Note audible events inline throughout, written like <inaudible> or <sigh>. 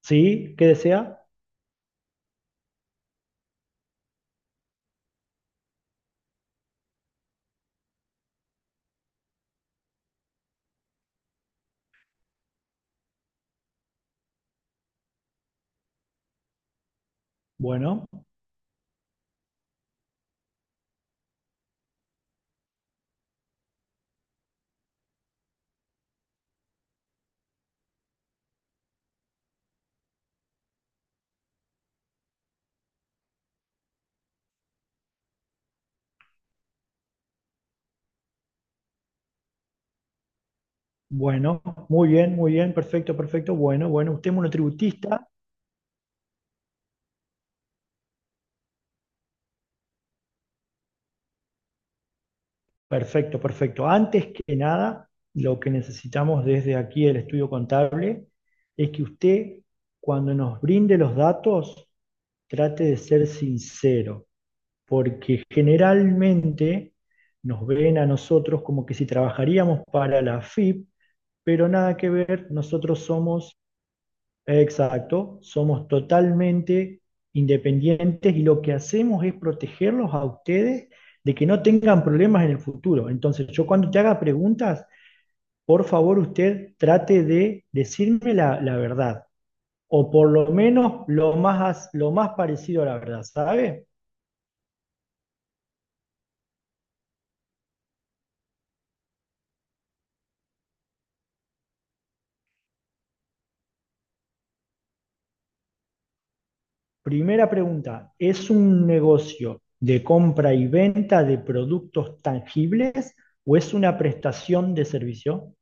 Sí, ¿qué desea? Bueno, bueno, muy bien, perfecto, perfecto, bueno, bueno, usted es monotributista, perfecto, perfecto. Antes que nada, lo que necesitamos desde aquí el estudio contable es que usted, cuando nos brinde los datos, trate de ser sincero, porque generalmente nos ven a nosotros como que si trabajaríamos para la FIP, pero nada que ver, nosotros somos... Exacto, somos totalmente independientes y lo que hacemos es protegerlos a ustedes de que no tengan problemas en el futuro. Entonces, yo cuando te haga preguntas, por favor usted trate de decirme la verdad, o por lo menos lo más parecido a la verdad, ¿sabe? Primera pregunta, ¿es un negocio de compra y venta de productos tangibles o es una prestación de servicio?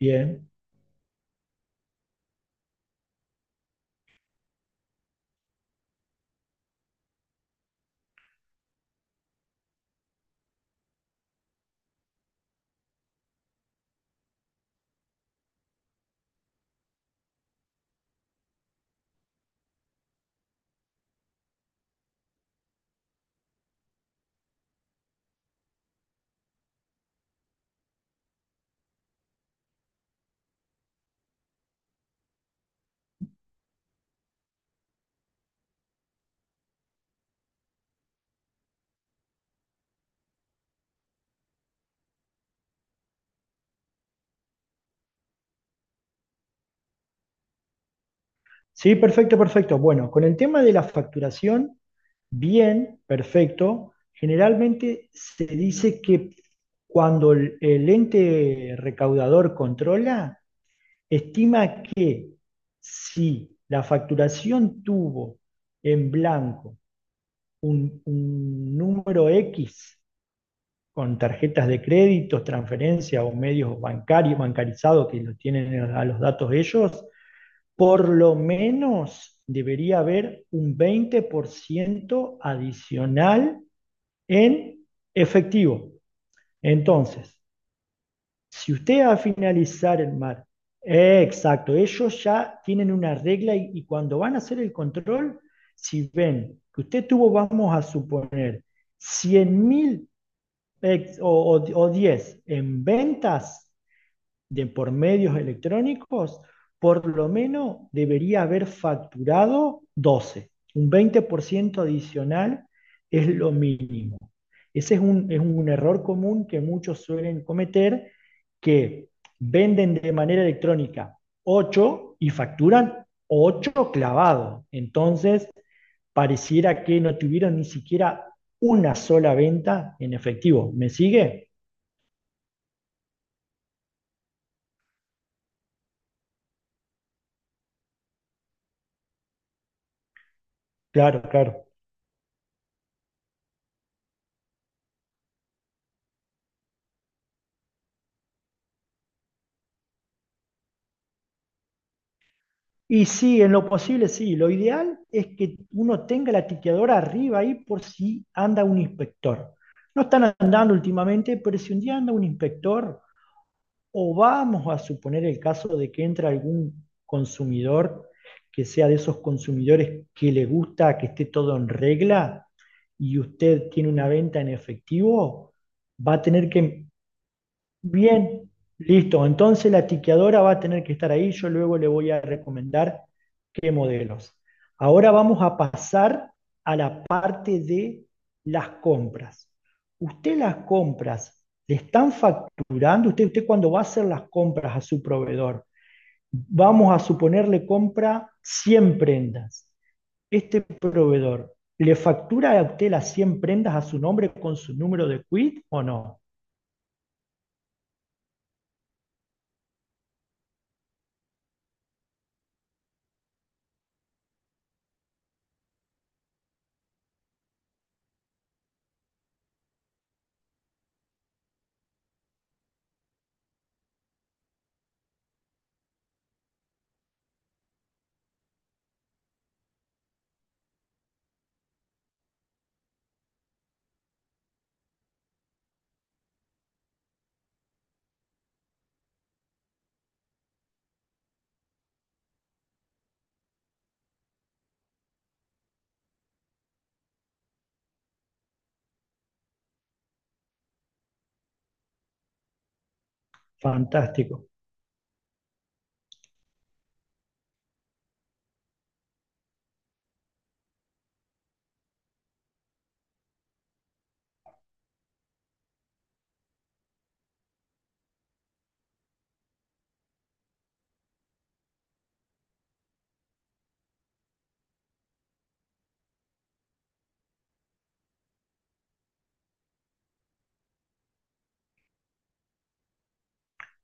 Bien. Sí, perfecto, perfecto. Bueno, con el tema de la facturación, bien, perfecto. Generalmente se dice que cuando el ente recaudador controla, estima que si la facturación tuvo en blanco un número X con tarjetas de crédito, transferencias o medios bancarios, bancarizados que lo tienen a los datos ellos, por lo menos debería haber un 20% adicional en efectivo. Entonces, si usted va a finalizar el mar, exacto, ellos ya tienen una regla y cuando van a hacer el control, si ven que usted tuvo, vamos a suponer, 100.000 o, o, o 10 en ventas, de por medios electrónicos, por lo menos debería haber facturado 12, un 20% adicional es lo mínimo. Ese es es un error común que muchos suelen cometer, que venden de manera electrónica 8 y facturan 8 clavados. Entonces, pareciera que no tuvieron ni siquiera una sola venta en efectivo. ¿Me sigue? Claro, claro. Y sí, en lo posible sí. Lo ideal es que uno tenga la tiqueadora arriba ahí por si anda un inspector. No están andando últimamente, pero si un día anda un inspector, o vamos a suponer el caso de que entra algún consumidor que sea de esos consumidores que le gusta que esté todo en regla y usted tiene una venta en efectivo, va a tener que... Bien, listo. Entonces la tiqueadora va a tener que estar ahí. Yo luego le voy a recomendar qué modelos. Ahora vamos a pasar a la parte de las compras. Usted las compras le están facturando, usted cuando va a hacer las compras a su proveedor, vamos a suponerle compra 100 prendas. Este proveedor, ¿le factura a usted las 100 prendas a su nombre con su número de quit o no? Fantástico.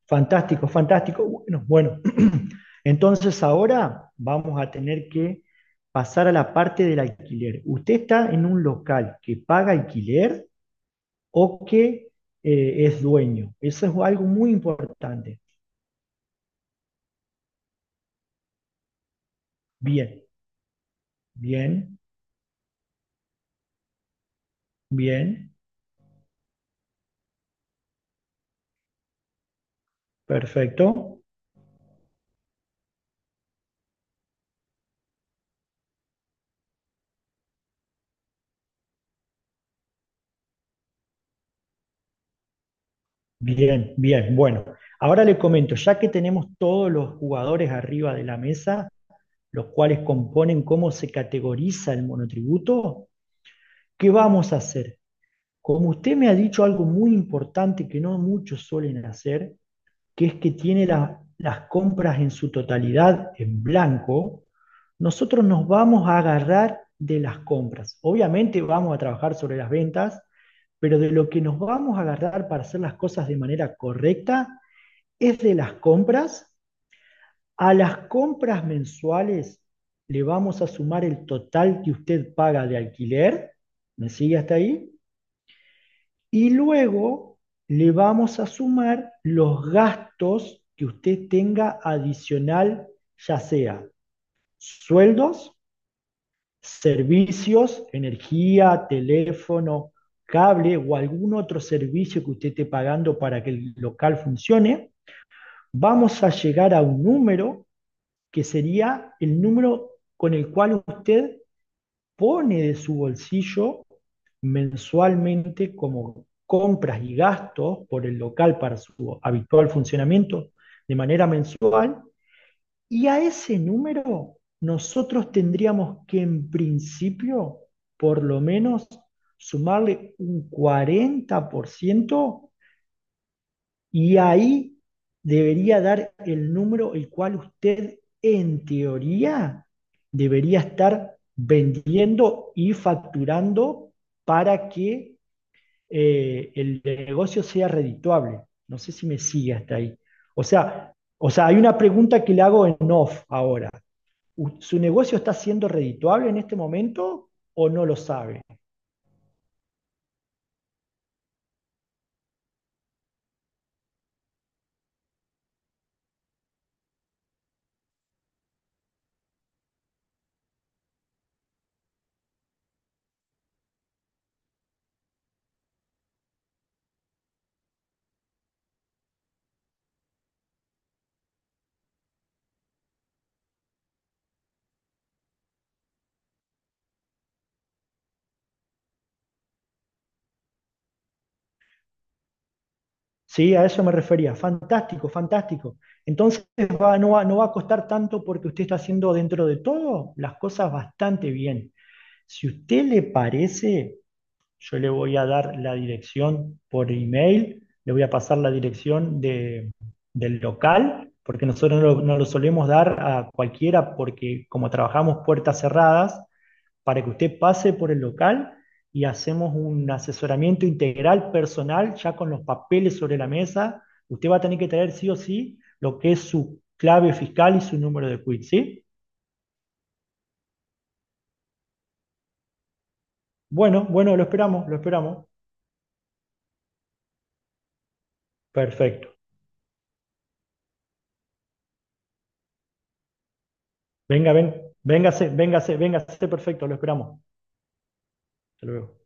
Fantástico, fantástico. Bueno, bueno. <clears throat> Entonces ahora vamos a tener que pasar a la parte del alquiler. Usted está en un local que paga alquiler o que es dueño. Eso es algo muy importante. Bien, bien, bien, perfecto. Bien, bien. Bueno, ahora le comento, ya que tenemos todos los jugadores arriba de la mesa, los cuales componen cómo se categoriza el monotributo, ¿qué vamos a hacer? Como usted me ha dicho algo muy importante que no muchos suelen hacer, que es que tiene las compras en su totalidad en blanco, nosotros nos vamos a agarrar de las compras. Obviamente vamos a trabajar sobre las ventas, pero de lo que nos vamos a agarrar para hacer las cosas de manera correcta es de las compras. A las compras mensuales le vamos a sumar el total que usted paga de alquiler. ¿Me sigue hasta ahí? Y luego le vamos a sumar los gastos que usted tenga adicional, ya sea sueldos, servicios, energía, teléfono, cable o algún otro servicio que usted esté pagando para que el local funcione, vamos a llegar a un número que sería el número con el cual usted pone de su bolsillo mensualmente como compras y gastos por el local para su habitual funcionamiento de manera mensual y a ese número nosotros tendríamos que en principio por lo menos sumarle un 40% y ahí debería dar el número el cual usted, en teoría, debería estar vendiendo y facturando para que el negocio sea redituable. No sé si me sigue hasta ahí. O sea, hay una pregunta que le hago en off ahora. ¿Su negocio está siendo redituable en este momento o no lo sabe? Sí, a eso me refería. Fantástico, fantástico. Entonces no va a costar tanto porque usted está haciendo dentro de todo las cosas bastante bien. Si usted le parece, yo le voy a dar la dirección por email, le voy a pasar la dirección del local, porque nosotros no lo solemos dar a cualquiera porque como trabajamos puertas cerradas, para que usted pase por el local y hacemos un asesoramiento integral personal ya con los papeles sobre la mesa. Usted va a tener que traer sí o sí lo que es su clave fiscal y su número de quit, ¿sí? Bueno, bueno, lo esperamos, lo esperamos. Perfecto. Venga, ven, véngase, véngase, véngase, perfecto, lo esperamos. Hasta luego.